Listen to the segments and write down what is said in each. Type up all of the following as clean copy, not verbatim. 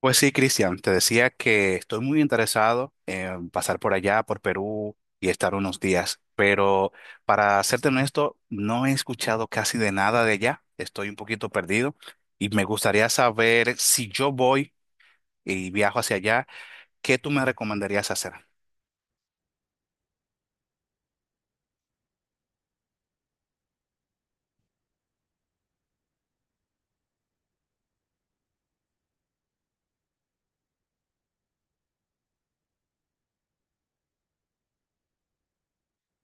Pues sí, Cristian, te decía que estoy muy interesado en pasar por allá, por Perú y estar unos días, pero para serte honesto, no he escuchado casi de nada de allá, estoy un poquito perdido y me gustaría saber si yo voy y viajo hacia allá, ¿qué tú me recomendarías hacer?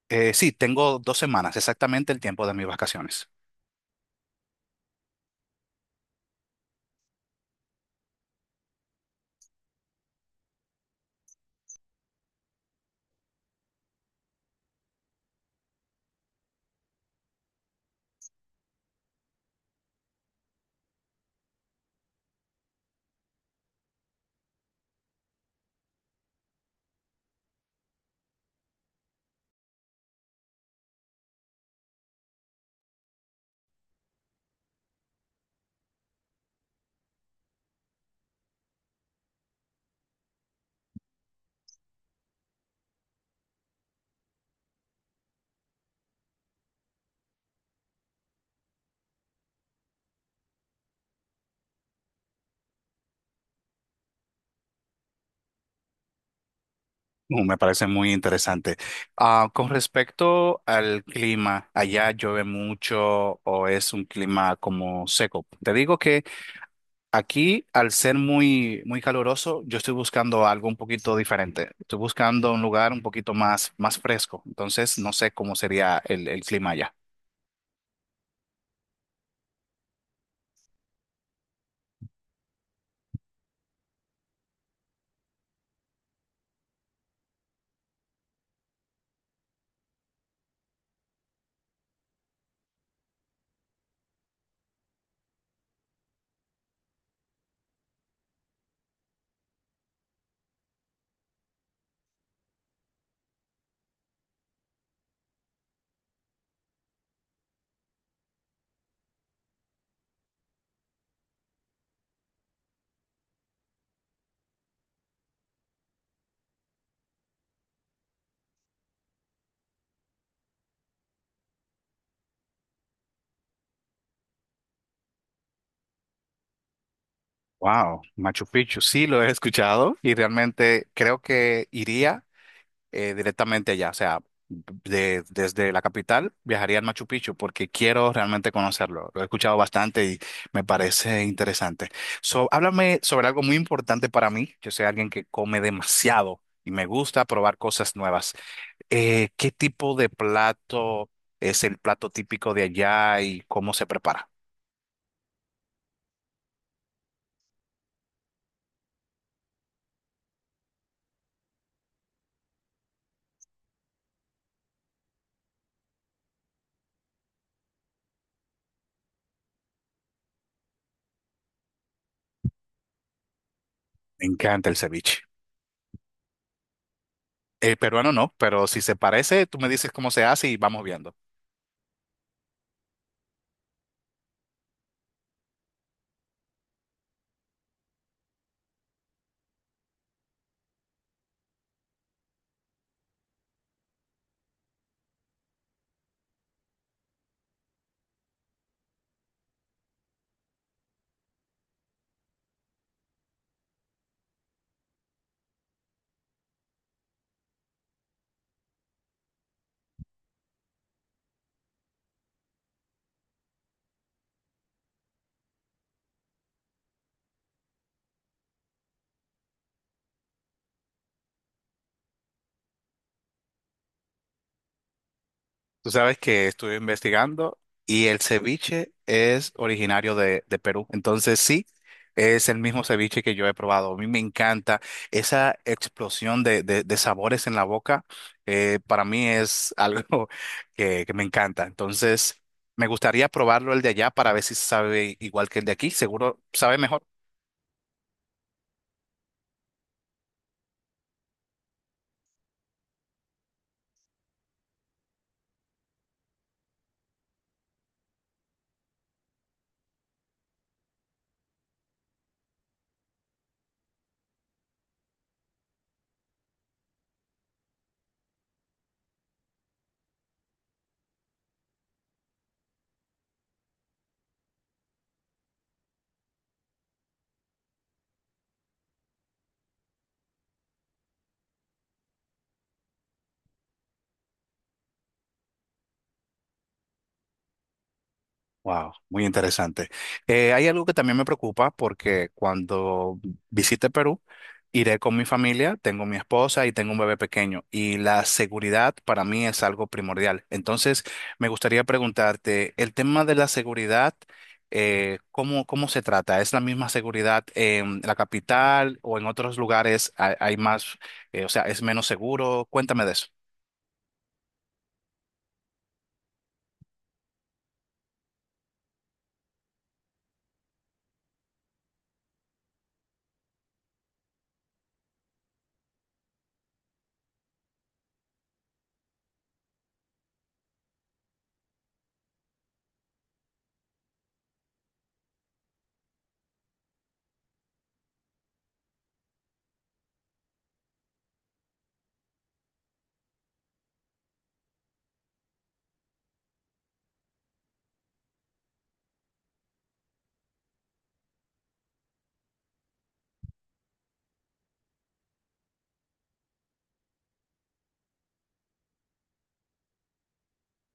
Sí, tengo 2 semanas, exactamente el tiempo de mis vacaciones. Me parece muy interesante. Con respecto al clima, ¿allá llueve mucho o es un clima como seco? Te digo que aquí, al ser muy caluroso, yo estoy buscando algo un poquito diferente. Estoy buscando un lugar un poquito más fresco. Entonces, no sé cómo sería el clima allá. Wow, Machu Picchu, sí lo he escuchado y realmente creo que iría directamente allá, o sea, desde la capital viajaría al Machu Picchu porque quiero realmente conocerlo. Lo he escuchado bastante y me parece interesante. So, háblame sobre algo muy importante para mí. Yo soy alguien que come demasiado y me gusta probar cosas nuevas. ¿Qué tipo de plato es el plato típico de allá y cómo se prepara? Me encanta el ceviche. El peruano no, pero si se parece, tú me dices cómo se hace y vamos viendo. Tú sabes que estuve investigando y el ceviche es originario de Perú. Entonces sí, es el mismo ceviche que yo he probado. A mí me encanta esa explosión de sabores en la boca. Eh, para mí es algo que me encanta. Entonces me gustaría probarlo el de allá para ver si sabe igual que el de aquí. Seguro sabe mejor. Wow, muy interesante. Hay algo que también me preocupa porque cuando visite Perú, iré con mi familia, tengo mi esposa y tengo un bebé pequeño y la seguridad para mí es algo primordial. Entonces, me gustaría preguntarte, el tema de la seguridad, cómo se trata? ¿Es la misma seguridad en la capital o en otros lugares hay más, o sea, es menos seguro? Cuéntame de eso.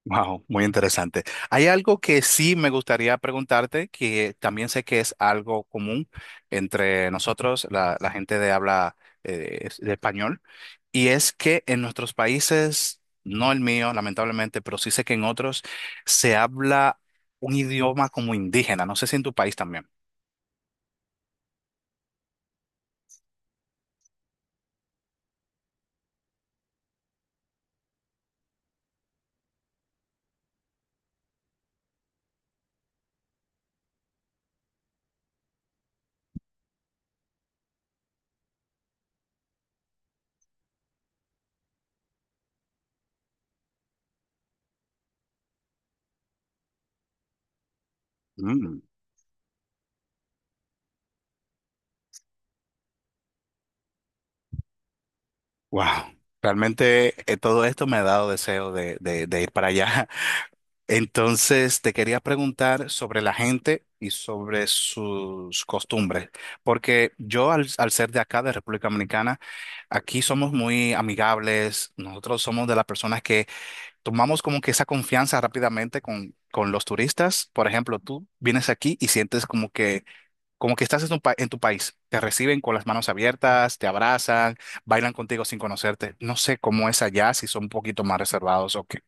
Wow, muy interesante. Hay algo que sí me gustaría preguntarte, que también sé que es algo común entre nosotros, la gente de habla de español, y es que en nuestros países, no el mío, lamentablemente, pero sí sé que en otros se habla un idioma como indígena. No sé si en tu país también. Mm, wow. Realmente todo esto me ha dado deseo de ir para allá. Entonces, te quería preguntar sobre la gente y sobre sus costumbres, porque yo al ser de acá, de República Dominicana, aquí somos muy amigables, nosotros somos de las personas que tomamos como que esa confianza rápidamente con los turistas. Por ejemplo, tú vienes aquí y sientes como que estás en tu, en tu país, te reciben con las manos abiertas, te abrazan, bailan contigo sin conocerte. No sé cómo es allá, si son un poquito más reservados o qué.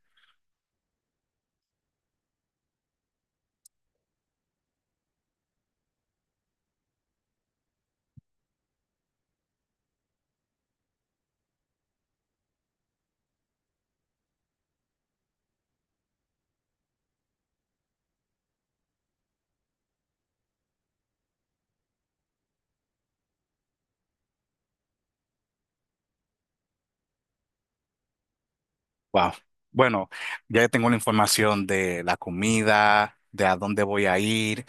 Wow. Bueno, ya tengo la información de la comida, de a dónde voy a ir.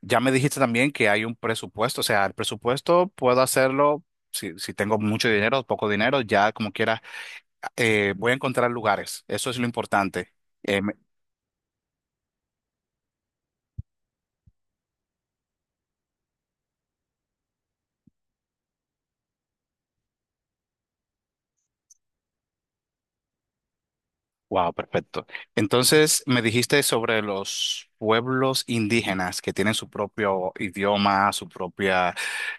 Ya me dijiste también que hay un presupuesto, o sea, el presupuesto puedo hacerlo si tengo mucho dinero o poco dinero, ya como quiera, voy a encontrar lugares. Eso es lo importante. Wow, perfecto. Entonces, me dijiste sobre los pueblos indígenas que tienen su propio idioma, su propia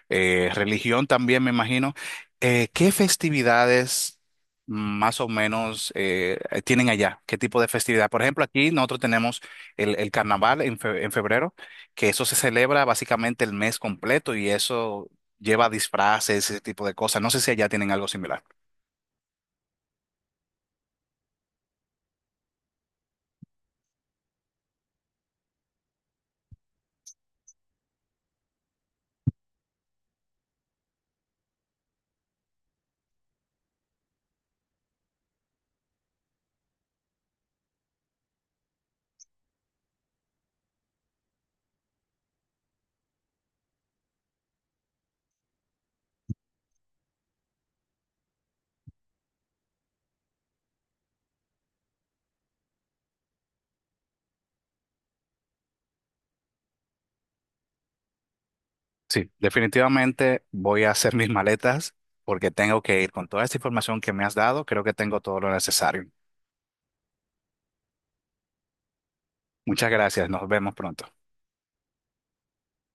religión también, me imagino. ¿Qué festividades más o menos tienen allá? ¿Qué tipo de festividad? Por ejemplo, aquí nosotros tenemos el carnaval en, en febrero, que eso se celebra básicamente el mes completo y eso lleva disfraces, ese tipo de cosas. No sé si allá tienen algo similar. Sí, definitivamente voy a hacer mis maletas porque tengo que ir con toda esta información que me has dado. Creo que tengo todo lo necesario. Muchas gracias. Nos vemos pronto.